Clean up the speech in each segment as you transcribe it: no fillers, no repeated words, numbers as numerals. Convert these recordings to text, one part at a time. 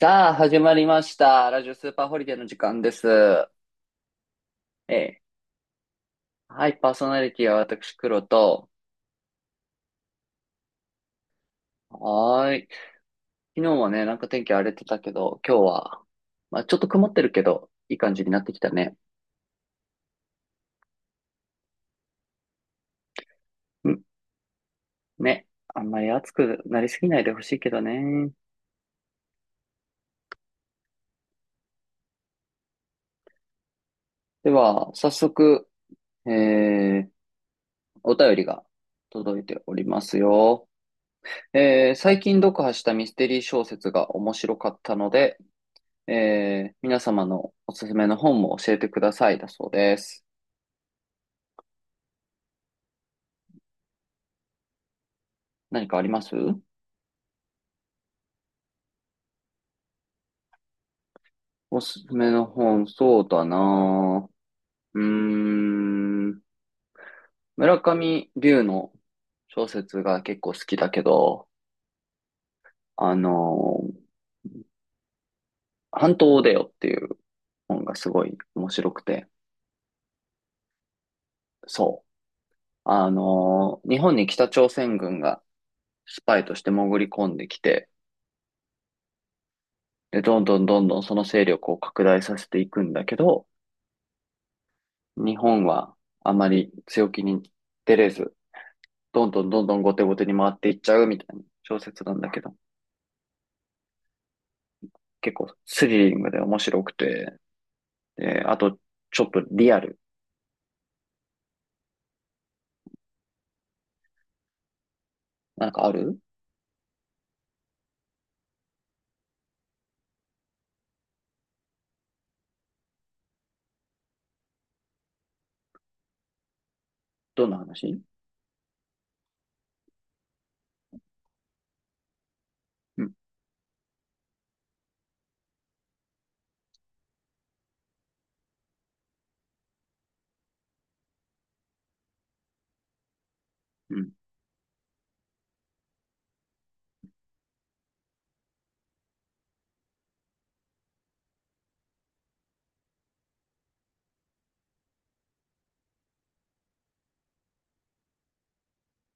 さあ、始まりました。ラジオスーパーホリデーの時間です。ええ。はい、パーソナリティは私、黒と。はーい。昨日はね、なんか天気荒れてたけど、今日は、まあちょっと曇ってるけど、いい感じになってきたね。うん。ね。あんまり暑くなりすぎないでほしいけどね。では、早速、えー、お便りが届いておりますよ。最近読破したミステリー小説が面白かったので、皆様のおすすめの本も教えてくださいだそうです。何かあります？おすすめの本、そうだなぁ。うーん、村上龍の小説が結構好きだけど、あのー、半島を出よっていう本がすごい面白くて、そう。日本に北朝鮮軍がスパイとして潜り込んできて、で、どんどんどんどんその勢力を拡大させていくんだけど、日本はあまり強気に出れず、どんどんどんどん後手後手に回っていっちゃうみたいな小説なんだけど、結構スリリングで面白くて、で、あと、ちょっとリアル。なんかある？どんな話？うん、うん。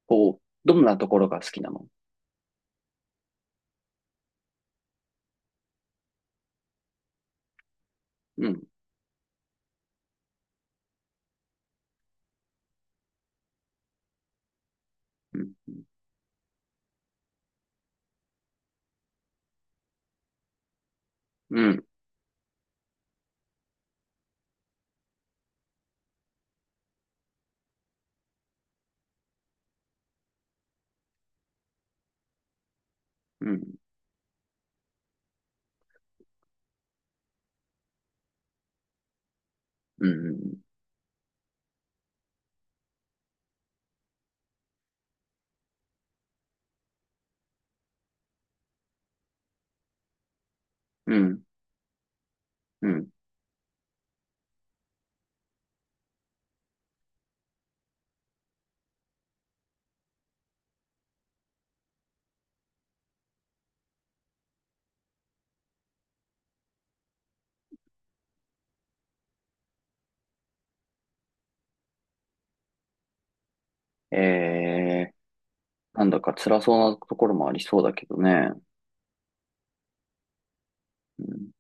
こう、どんなところが好きなの？うん、うん、うん、うん、うん、うん、うん。うん。えー、なんだか辛そうなところもありそうだけどね。うん、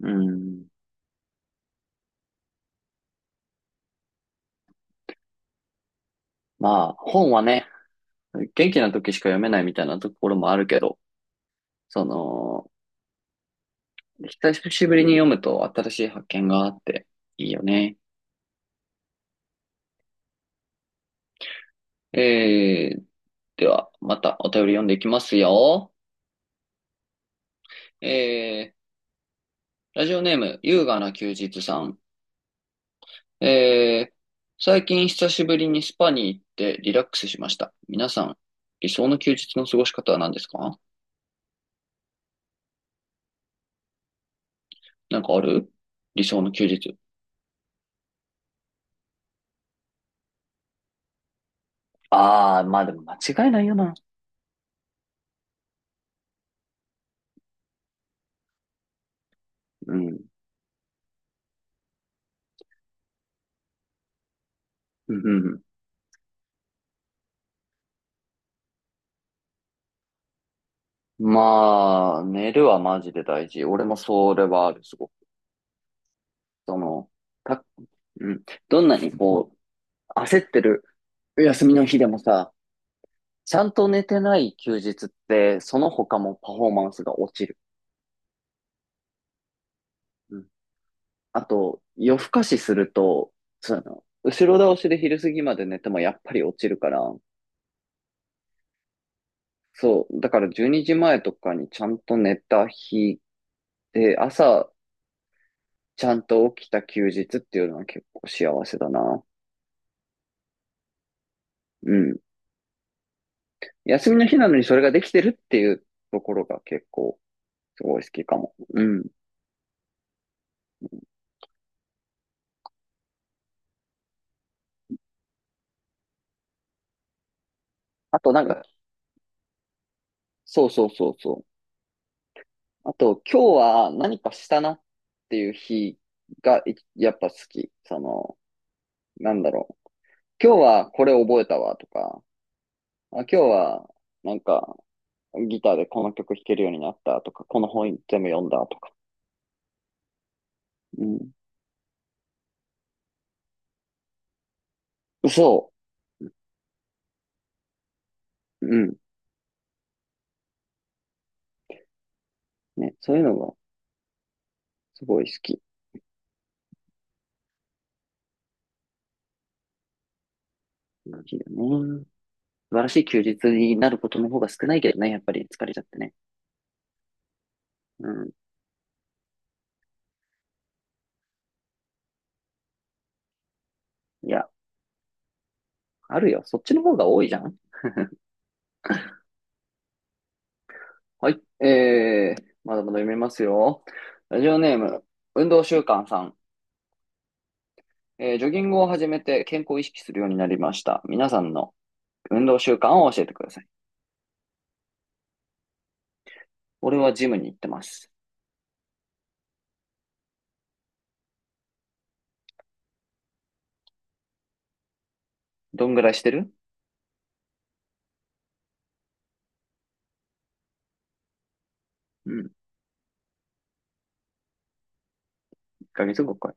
うん。まあ、本はね、元気な時しか読めないみたいなところもあるけど、その、久しぶりに読むと新しい発見があっていいよね。えー、では、またお便り読んでいきますよ。えラジオネーム、優雅な休日さん。えー、最近久しぶりにスパに行ってリラックスしました。皆さん、理想の休日の過ごし方は何ですか？なんかある？理想の休日。ああ、まあでも間違いないよな。うん。うんうん。まあ、寝るはマジで大事。俺もそれはある、すごく。その、た、うん。どんなにこう、焦ってる休みの日でもさ、ちゃんと寝てない休日って、その他もパフォーマンスが落ちる。うん。あと、夜更かしすると、その、後ろ倒しで昼過ぎまで寝てもやっぱり落ちるから、そう。だから12時前とかにちゃんと寝た日で、朝ちゃんと起きた休日っていうのは結構幸せだな。うん。休みの日なのにそれができてるっていうところが結構すごい好きかも。うん。あとなんか、そうそうそうそう。あと今日は何かしたなっていう日がいやっぱ好き。その、なんだろう。今日はこれ覚えたわとか、あ、今日はなんかギターでこの曲弾けるようになったとか、この本全部読んだとか。うん。そう。うん。ね。そういうのがすごい好き。好きだね。素晴らしい休日になることの方が少ないけどね、やっぱり疲れちゃってね。うん。いや、あるよ。そっちの方が多いじゃん。はい。えー、まだまだ読めますよ。ラジオネーム、運動習慣さん。えージョギングを始めて健康を意識するようになりました。皆さんの運動習慣を教えてください。俺はジムに行ってます。どんぐらいしてる？うん。1ヶ月5回。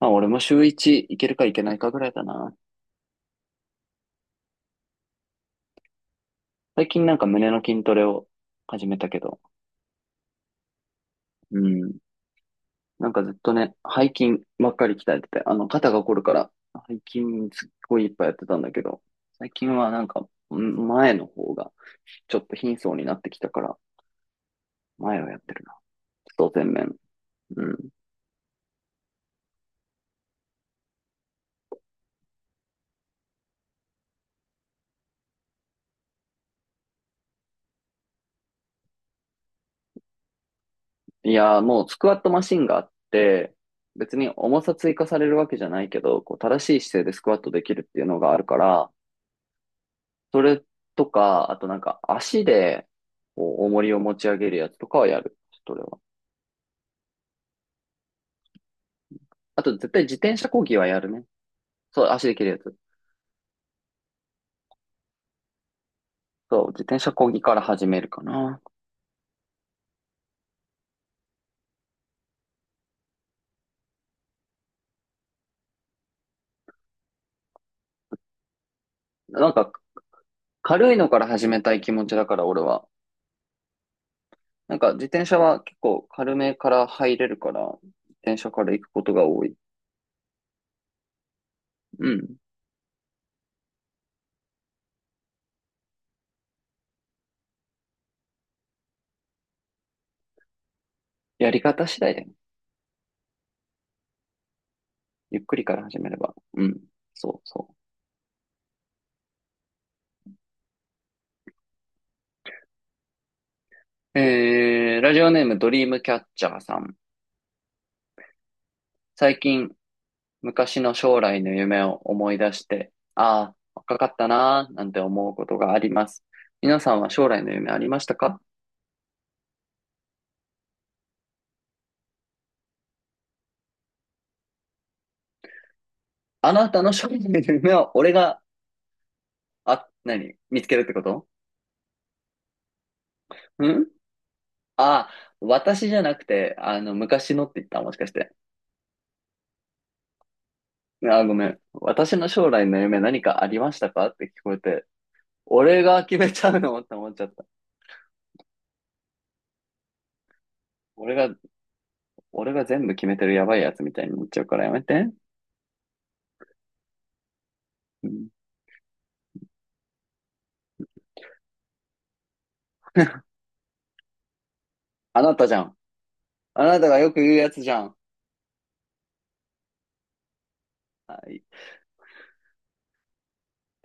まあ、俺も週1行けるか行けないかぐらいだな。最近なんか胸の筋トレを始めたけど。うん。なんかずっとね、背筋ばっかり鍛えてて、あの、肩が凝るから、背筋すっごいいっぱいやってたんだけど、最近はなんか、ん、前の方が、ちょっと貧相になってきたから、前をやってるな。外前面。うん。いやー、もうスクワットマシンがあって、別に重さ追加されるわけじゃないけど、こう正しい姿勢でスクワットできるっていうのがあるから、それとか、あとなんか足で、こう、重りを持ち上げるやつとかはやる。それは。あと絶対自転車漕ぎはやるね。そう、足できるやつ。そう、自転車漕ぎから始めるかな。なんか、軽いのから始めたい気持ちだから、俺は。なんか、自転車は結構軽めから入れるから、自転車から行くことが多い。うん。やり方次第だよ。ゆっくりから始めれば。うん。そうそう。ラジオネームドリームキャッチャーさん。最近、昔の将来の夢を思い出して、ああ、若かったなーなんて思うことがあります。皆さんは将来の夢ありましたか？あなたの将来の夢は俺が、あ、何見つけるってこと？ん、あ、私じゃなくて、あの、昔のって言った？もしかして。あ、ごめん。私の将来の夢何かありましたかって聞こえて、俺が決めちゃうのって思っちゃった。俺が、俺が全部決めてるやばいやつみたいになっちゃうからやめて。うん、あなたじゃん。あなたがよく言うやつじゃん。はい。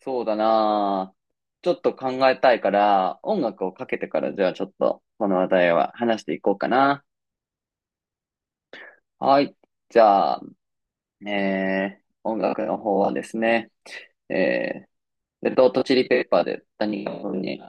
そうだなぁ。ちょっと考えたいから、音楽をかけてからじゃあちょっとこの話題は話していこうかな。はい。じゃあ、えー、音楽の方はですね、えー、レッドホットチリペッパーで何かのに